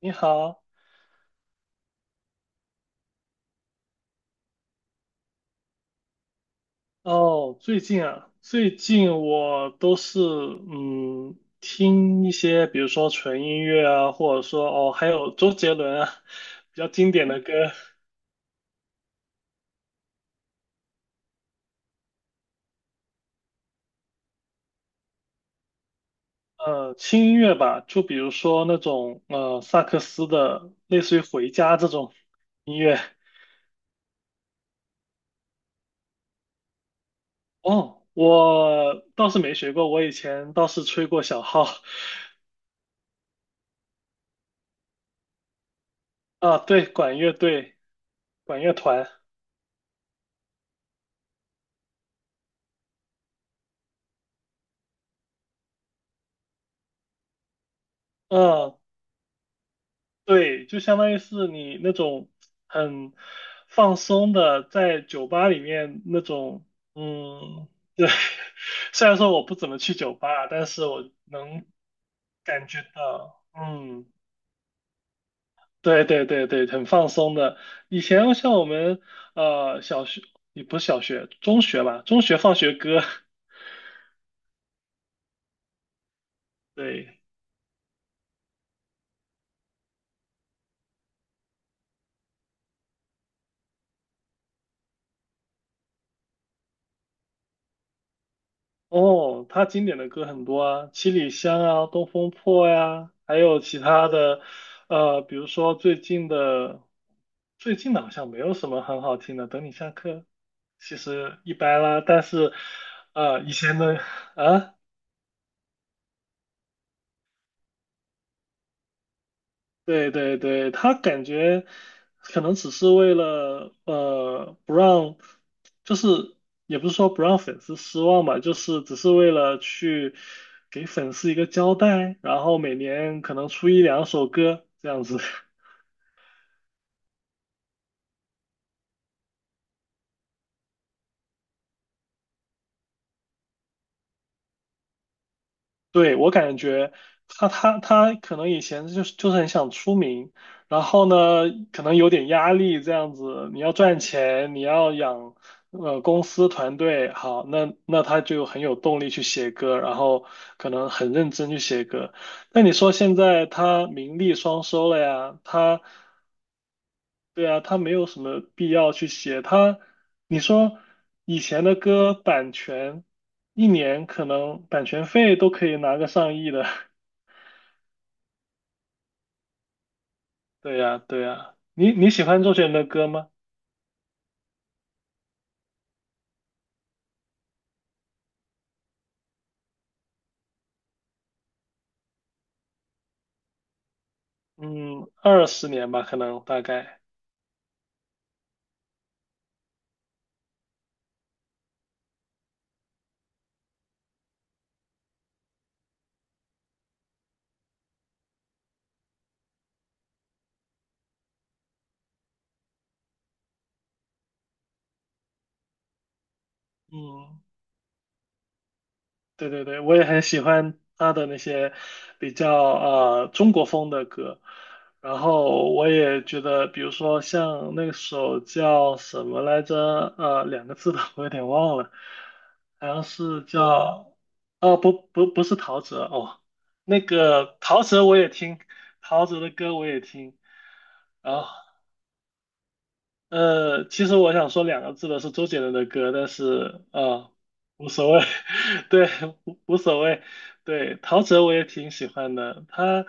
你好。哦，最近啊，我都是听一些，比如说纯音乐啊，或者说还有周杰伦啊，比较经典的歌。轻音乐吧，就比如说那种萨克斯的，类似于回家这种音乐。哦，我倒是没学过，我以前倒是吹过小号。啊，对，管乐队、管乐团。嗯，对，就相当于是你那种很放松的，在酒吧里面那种。嗯，对。虽然说我不怎么去酒吧，但是我能感觉到，嗯，对对对对，很放松的。以前像我们小学，也不是小学，中学吧，中学放学歌。对。哦，他经典的歌很多啊，《七里香》啊，《东风破》呀，还有其他的。比如说最近的好像没有什么很好听的。《等你下课》其实一般啦，但是，以前的 啊。对对对，他感觉可能只是为了不让，就是也不是说不让粉丝失望吧，就是只是为了去给粉丝一个交代，然后每年可能出一两首歌这样子。对，我感觉他可能以前就是很想出名，然后呢，可能有点压力这样子，你要赚钱，你要养公司团队。好，那他就很有动力去写歌，然后可能很认真去写歌。那你说现在他名利双收了呀。对啊，他没有什么必要去写他，你说以前的歌版权。一年可能版权费都可以拿个上亿的。对呀，对呀，你喜欢周杰伦的歌吗？嗯，20年吧，可能大概。嗯，对对对，我也很喜欢他的那些比较中国风的歌，然后我也觉得，比如说像那首叫什么来着。两个字的我有点忘了，好像是叫，哦，不不不是陶喆哦。那个陶喆我也听，陶喆的歌我也听。然后。其实我想说两个字的是周杰伦的歌，但是无所谓。对，无所谓。对，陶喆我也挺喜欢的，他，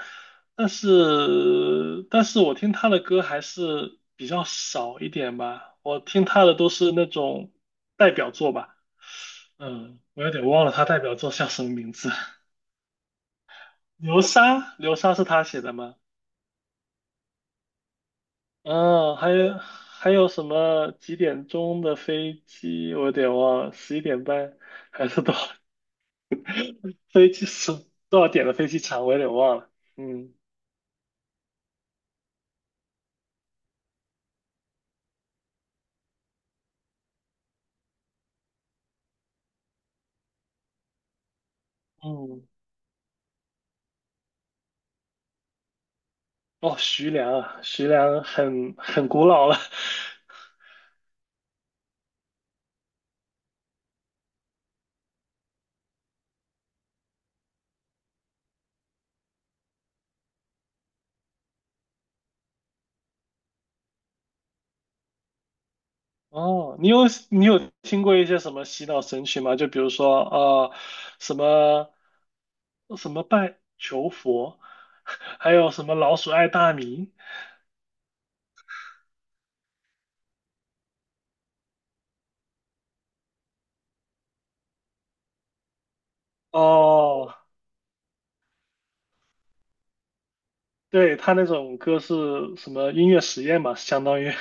但是我听他的歌还是比较少一点吧，我听他的都是那种代表作吧。嗯，我有点忘了他代表作叫什么名字。流沙，流沙是他写的吗？嗯，还有什么几点钟的飞机？我有点忘了，11点半还是多少飞机是多少点的飞机场？我有点忘了。嗯嗯，哦，徐良啊。徐良很古老了。哦，你有听过一些什么洗脑神曲吗？就比如说什么什么拜求佛，还有什么老鼠爱大米。哦，对，他那种歌是什么音乐实验嘛，相当于。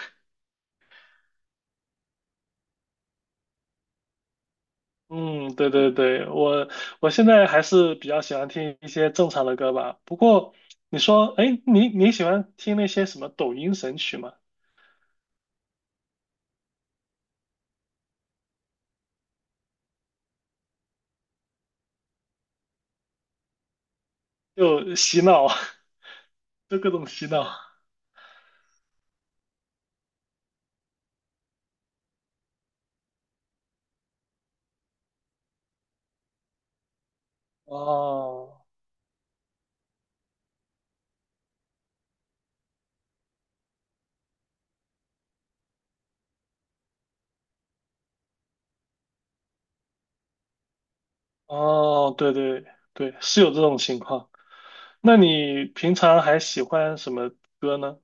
嗯，对对对，我现在还是比较喜欢听一些正常的歌吧。不过你说，哎，你喜欢听那些什么抖音神曲吗？就洗脑。就各种洗脑。哦哦，对对对，是有这种情况。那你平常还喜欢什么歌呢？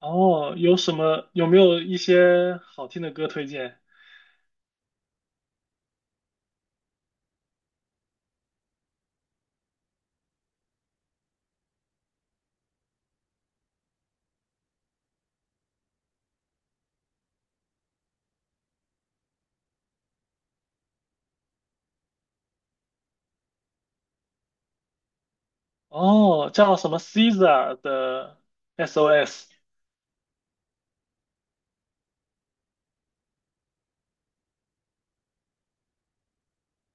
哦，有什么，有没有一些好听的歌推荐？哦，叫什么 Caesar 的 SOS。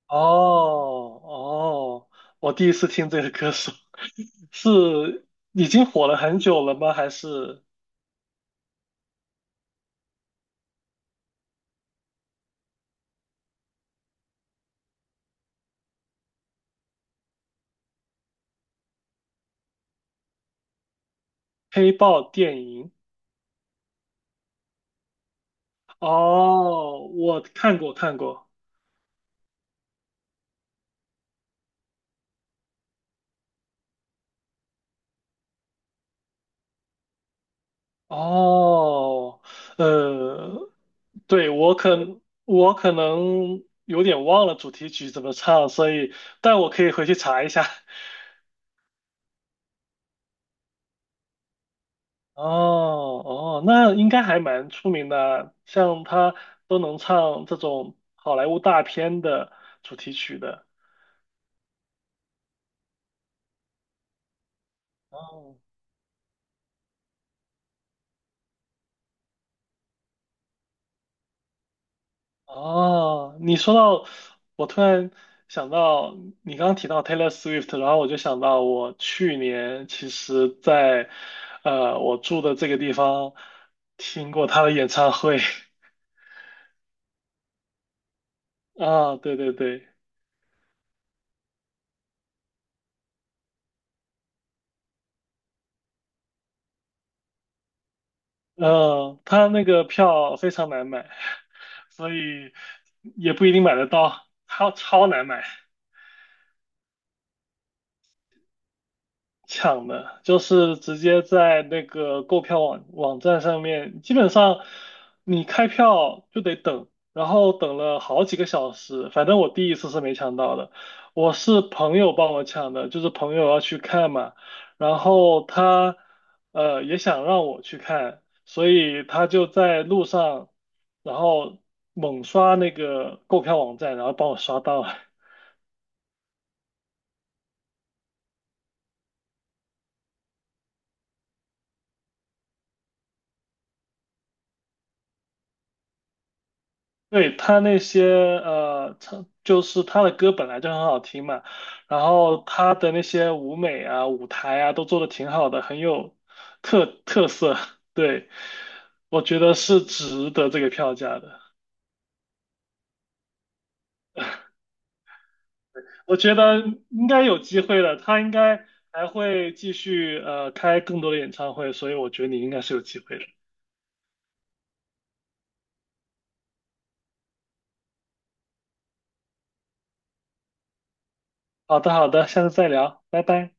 哦哦，我第一次听这个歌手，是已经火了很久了吗？还是黑豹电影？哦，我看过看过。哦，呃，对，我可能有点忘了主题曲怎么唱，所以但我可以回去查一下。哦哦，那应该还蛮出名的，像他都能唱这种好莱坞大片的主题曲的。哦哦，你说到，我突然想到你刚刚提到 Taylor Swift,然后我就想到我去年其实在我住的这个地方听过他的演唱会。 啊，对对对。嗯、他那个票非常难买。所以也不一定买得到，超难买。抢的，就是直接在那个购票网站上面，基本上你开票就得等，然后等了好几个小时。反正我第一次是没抢到的，我是朋友帮我抢的，就是朋友要去看嘛，然后他也想让我去看，所以他就在路上，然后猛刷那个购票网站，然后帮我刷到了。对他那些就是他的歌本来就很好听嘛，然后他的那些舞美啊、舞台啊都做的挺好的，很有特色。对，我觉得是值得这个票价的。我觉得应该有机会的，他应该还会继续开更多的演唱会，所以我觉得你应该是有机会的。好的，好的，下次再聊，拜拜。